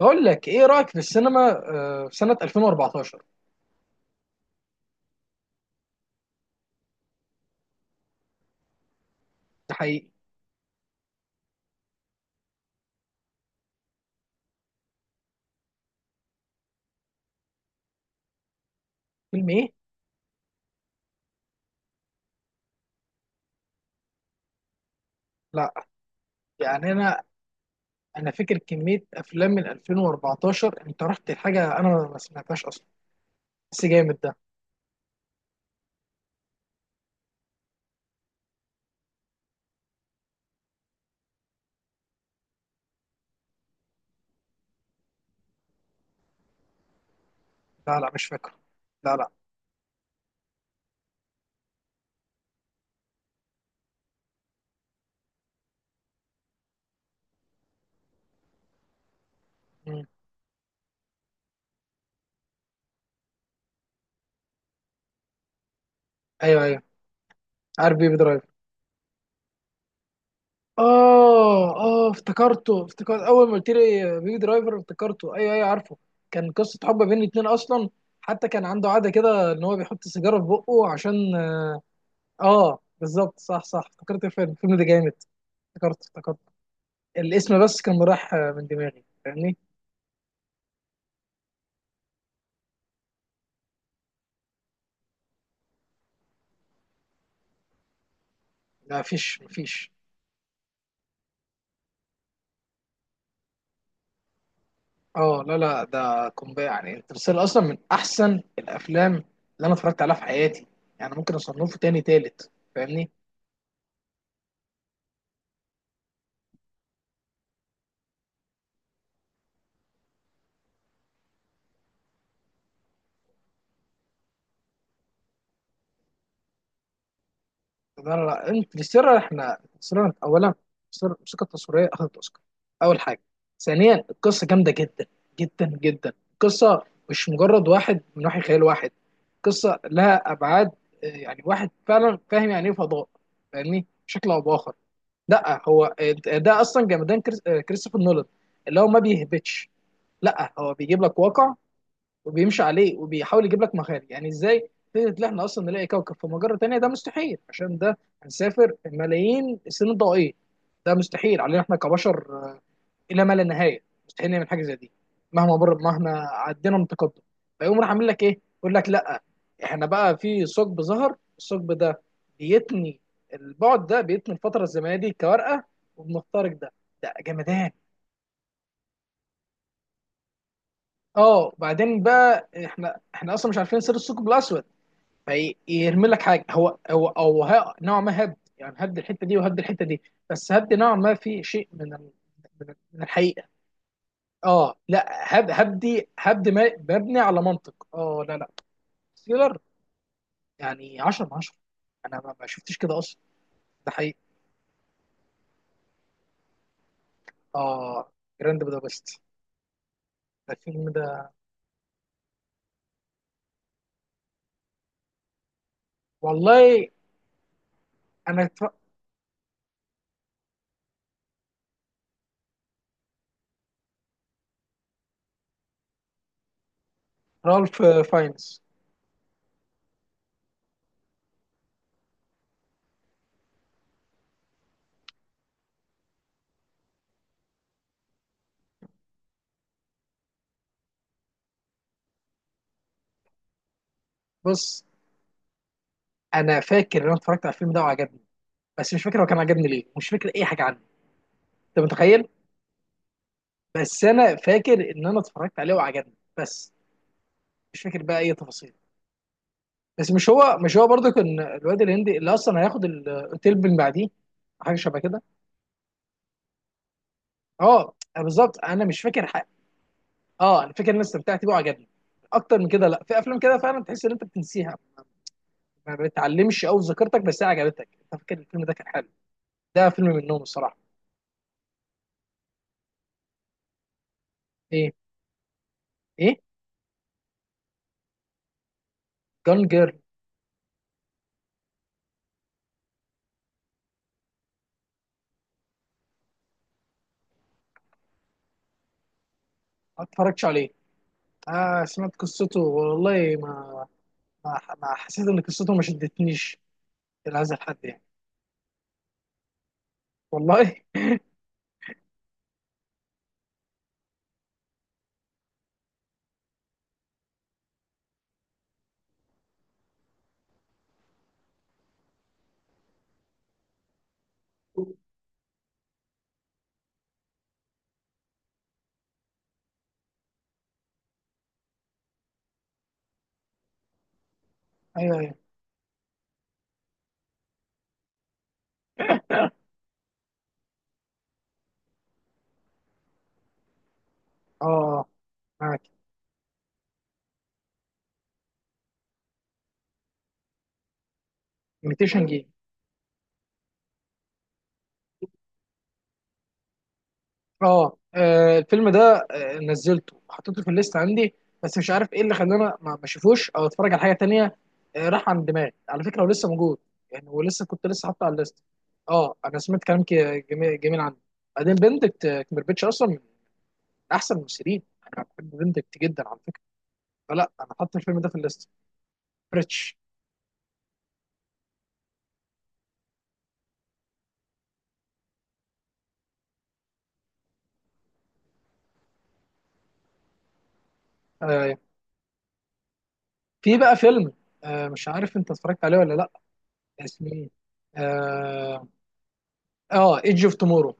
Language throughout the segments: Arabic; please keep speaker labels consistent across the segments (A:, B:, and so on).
A: بقول لك ايه رايك في السينما؟ في سنه 2014. ده حقيقي. فيلم ايه؟ لا يعني انا فاكر كميه افلام من 2014، انت رحت لحاجه انا ما سمعتهاش اصلا. بس جامد ده. لا، لا، مش فاكره. لا، لا. مم. ايوه، ايوه، عارف بيبي درايفر. اه، اه، افتكرت اول ما قلت لي بيبي درايفر، افتكرته. ايوه، ايوه، عارفه. كان قصه حب بين الاتنين اصلا. حتى كان عنده عاده كده ان هو بيحط سيجاره في بقه عشان اه بالظبط، صح، صح، افتكرت الفيلم ده جامد. افتكرت. الاسم بس كان راح من دماغي، فاهمني. لا مفيش. اه، لا، لا، ده قنبله يعني. انترستيلر اصلا من احسن الافلام اللي انا اتفرجت عليها في حياتي. يعني ممكن اصنفه تاني تالت، فاهمني. لا، لا، لا، انترستيلر. احنا انترستيلر اولا. انترستيلر الموسيقى التصويريه اخذت اوسكار اول حاجه. ثانيا القصه جامده جدا. جدا جدا القصه. مش مجرد واحد من وحي خيال واحد. قصه لها ابعاد. يعني واحد فعلا فاهم يعني ايه فضاء، فاهمني، بشكل او باخر. لا هو ده اصلا جمدان كريستوفر نولان اللي هو ما بيهبطش. لا هو بيجيب لك واقع وبيمشي عليه، وبيحاول يجيب لك مخارج. يعني ازاي فكره ان احنا اصلا نلاقي كوكب في مجره تانيه؟ ده مستحيل، عشان ده هنسافر ملايين السنين الضوئيه. ده مستحيل علينا احنا كبشر، الى ما لا نهايه مستحيل نعمل حاجه زي دي مهما مر، مهما عدينا من تقدم. فيقوم راح عامل لك ايه، يقول لك لا، احنا بقى في ثقب، ظهر الثقب ده بيتني، البعد ده بيتني، الفتره الزمنيه دي كورقه، وبنخترق ده. ده جمدان. اه، وبعدين بقى احنا اصلا مش عارفين سر الثقب الاسود، فيرمي لك حاجه. هو او نوعا ما هد يعني، هد الحته دي وهد الحته دي. بس هد نوعا ما في شيء من الحقيقه. اه، لا، هد هدي هد ما- مبني على منطق. اه، لا، لا. سيلر يعني 10 من 10. انا ما شفتش كده اصلا. ده حقيقي. اه، جراند بودابست. الفيلم ده. والله. انا اتف-. رالف فاينز. بص، انا فاكر ان انا اتفرجت على الفيلم ده وعجبني، بس مش فاكر هو كان عجبني ليه. مش فاكر اي حاجه عنه. انت متخيل؟ بس انا فاكر ان انا اتفرجت عليه وعجبني، بس مش فاكر بقى اي تفاصيل. بس مش هو برضه كان الواد الهندي اللي اصلا هياخد الاوتيل من بعديه؟ حاجه شبه كده. اه، أنا بالظبط انا مش فاكر حاجه. اه، انا فاكر ان انا استمتعت بيه وعجبني اكتر من كده. لا، في افلام كده فعلا تحس ان انت بتنسيها. ما بتعلمش قوي ذاكرتك، بس هي عجبتك. انت فاكر الفيلم ده كان حلو. ده فيلم منهم الصراحه. ايه؟ ايه؟ جون جيرل. ما اتفرجتش عليه. اه، سمعت قصته، والله ما, حسيت ان قصته ما شدتنيش. لهذا الحد يعني؟ والله. ايوه، ايوه. اه، معاك. imitation game. اه، الفيلم ده نزلته، حطيته في الليست عندي، بس مش عارف ايه اللي خلاني ما اشوفوش، او اتفرج على حاجه تانية. راح عن دماغي على فكره، ولسه موجود، يعني ولسه كنت لسه حاطه على الليست. اه، انا سمعت كلام جميل جميل عنه. بعدين بندكت كمبربيتش اصلا من احسن الممثلين. انا بحب بندكت جدا على فكره. فلا، انا حاطط الفيلم ده في الليست. بريتش. آه، في بقى فيلم، مش عارف انت اتفرجت عليه ولا لا، اسمه ايه. اه، ايدج اوف تومورو.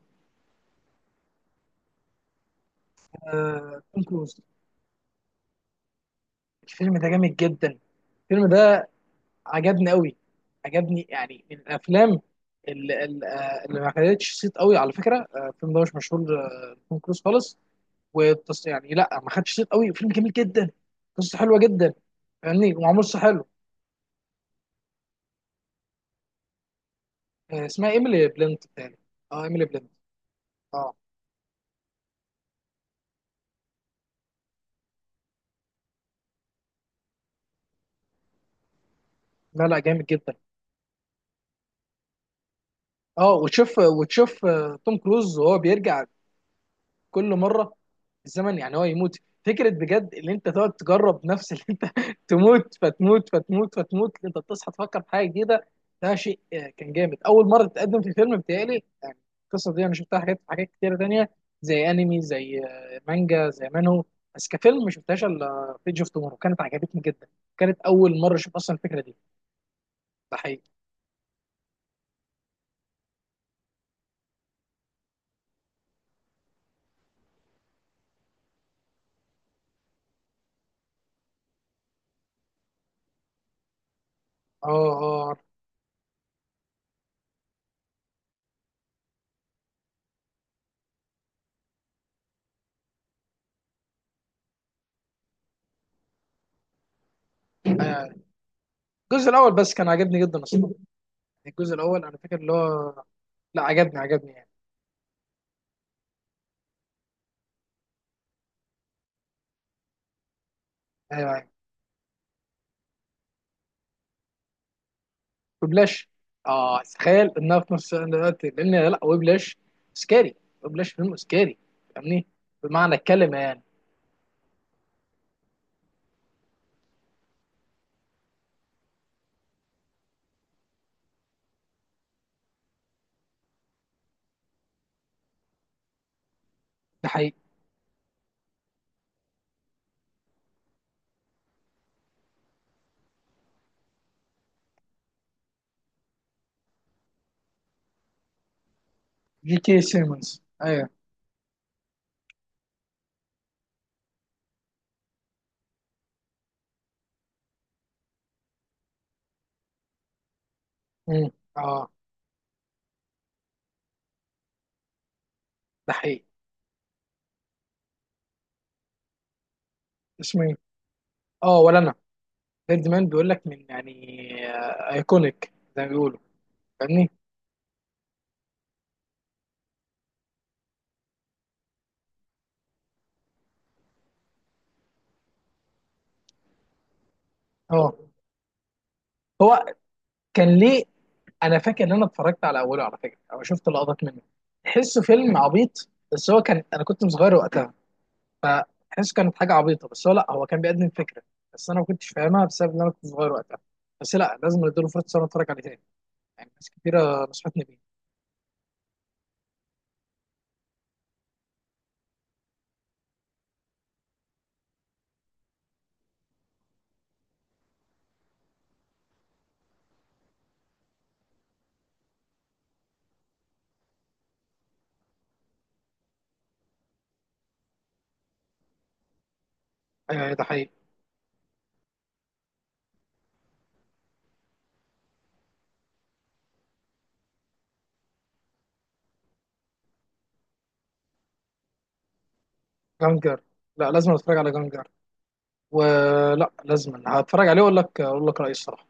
A: توم كروز. الفيلم ده جامد جدا. الفيلم ده عجبني قوي. عجبني يعني من الافلام اللي ما خدتش صيت قوي على فكره. الفيلم ده مش مشهور، توم كروز خالص. يعني لا، ما خدش صيت قوي. الفيلم جميل جدا. قصه حلوه جدا، فاهمني، ومعمول صح، حلو. اسمها ايميلي بلنت. تاني. اه، ايميلي بلنت. اه، لا، لا، جامد جدا. اه، وتشوف، وتشوف توم كروز وهو بيرجع كل مره. الزمن يعني هو يموت. فكره بجد، ان انت تقعد تجرب نفس اللي انت تموت، فتموت، فتموت، فتموت، انت بتصحى تفكر في حاجه جديده. ده شيء كان جامد، اول مره تتقدم في فيلم، بتهيألي يعني. القصه دي انا شفتها حاجات، حاجات كتيره تانيه، زي انمي، زي مانجا، زي مانهو. بس كفيلم ما شفتهاش الا في ايدج اوف تومورو. كانت عجبتني جدا. كانت اول مره اشوف اصلا الفكره دي. ده حقيقي. اه. اه، آه، الجزء الاول بس كان عجبني جدا اصلا. الجزء الاول انا فاكر اللي هو، لا، عجبني، عجبني يعني. ايوه، وبلاش. اه، تخيل انها في نفس الوقت، لان لا، وبلاش. سكاري. وبلاش فيلم سكاري. فاهمني، بمعنى الكلمه يعني. ده حقيقي. جي كي سيمونز، ايوه. امم. اه، ده حقيقي. اسمه ايه؟ اه، ولا انا. ديد مان، بيقول لك من يعني. ايكونيك زي ما بيقولوا. فاهمني. اه، هو كان ليه؟ انا فاكر ان انا اتفرجت على اوله على فكره، او شفت لقطات منه. تحسه فيلم عبيط، بس هو كان انا كنت صغير وقتها، فحس كانت حاجه عبيطه. بس هو لا، هو كان بيقدم فكره، بس انا ما كنتش فاهمها بسبب ان انا كنت صغير وقتها. بس لا، لازم اديله فرصه إن انا اتفرج عليه تاني، يعني ناس كتيره نصحتني بيه. ايوه، ده حقيقي. جانجر. لا، لازم اتفرج على جانجر. ولا لازم هتفرج عليه واقول لك، اقول لك رايي الصراحه.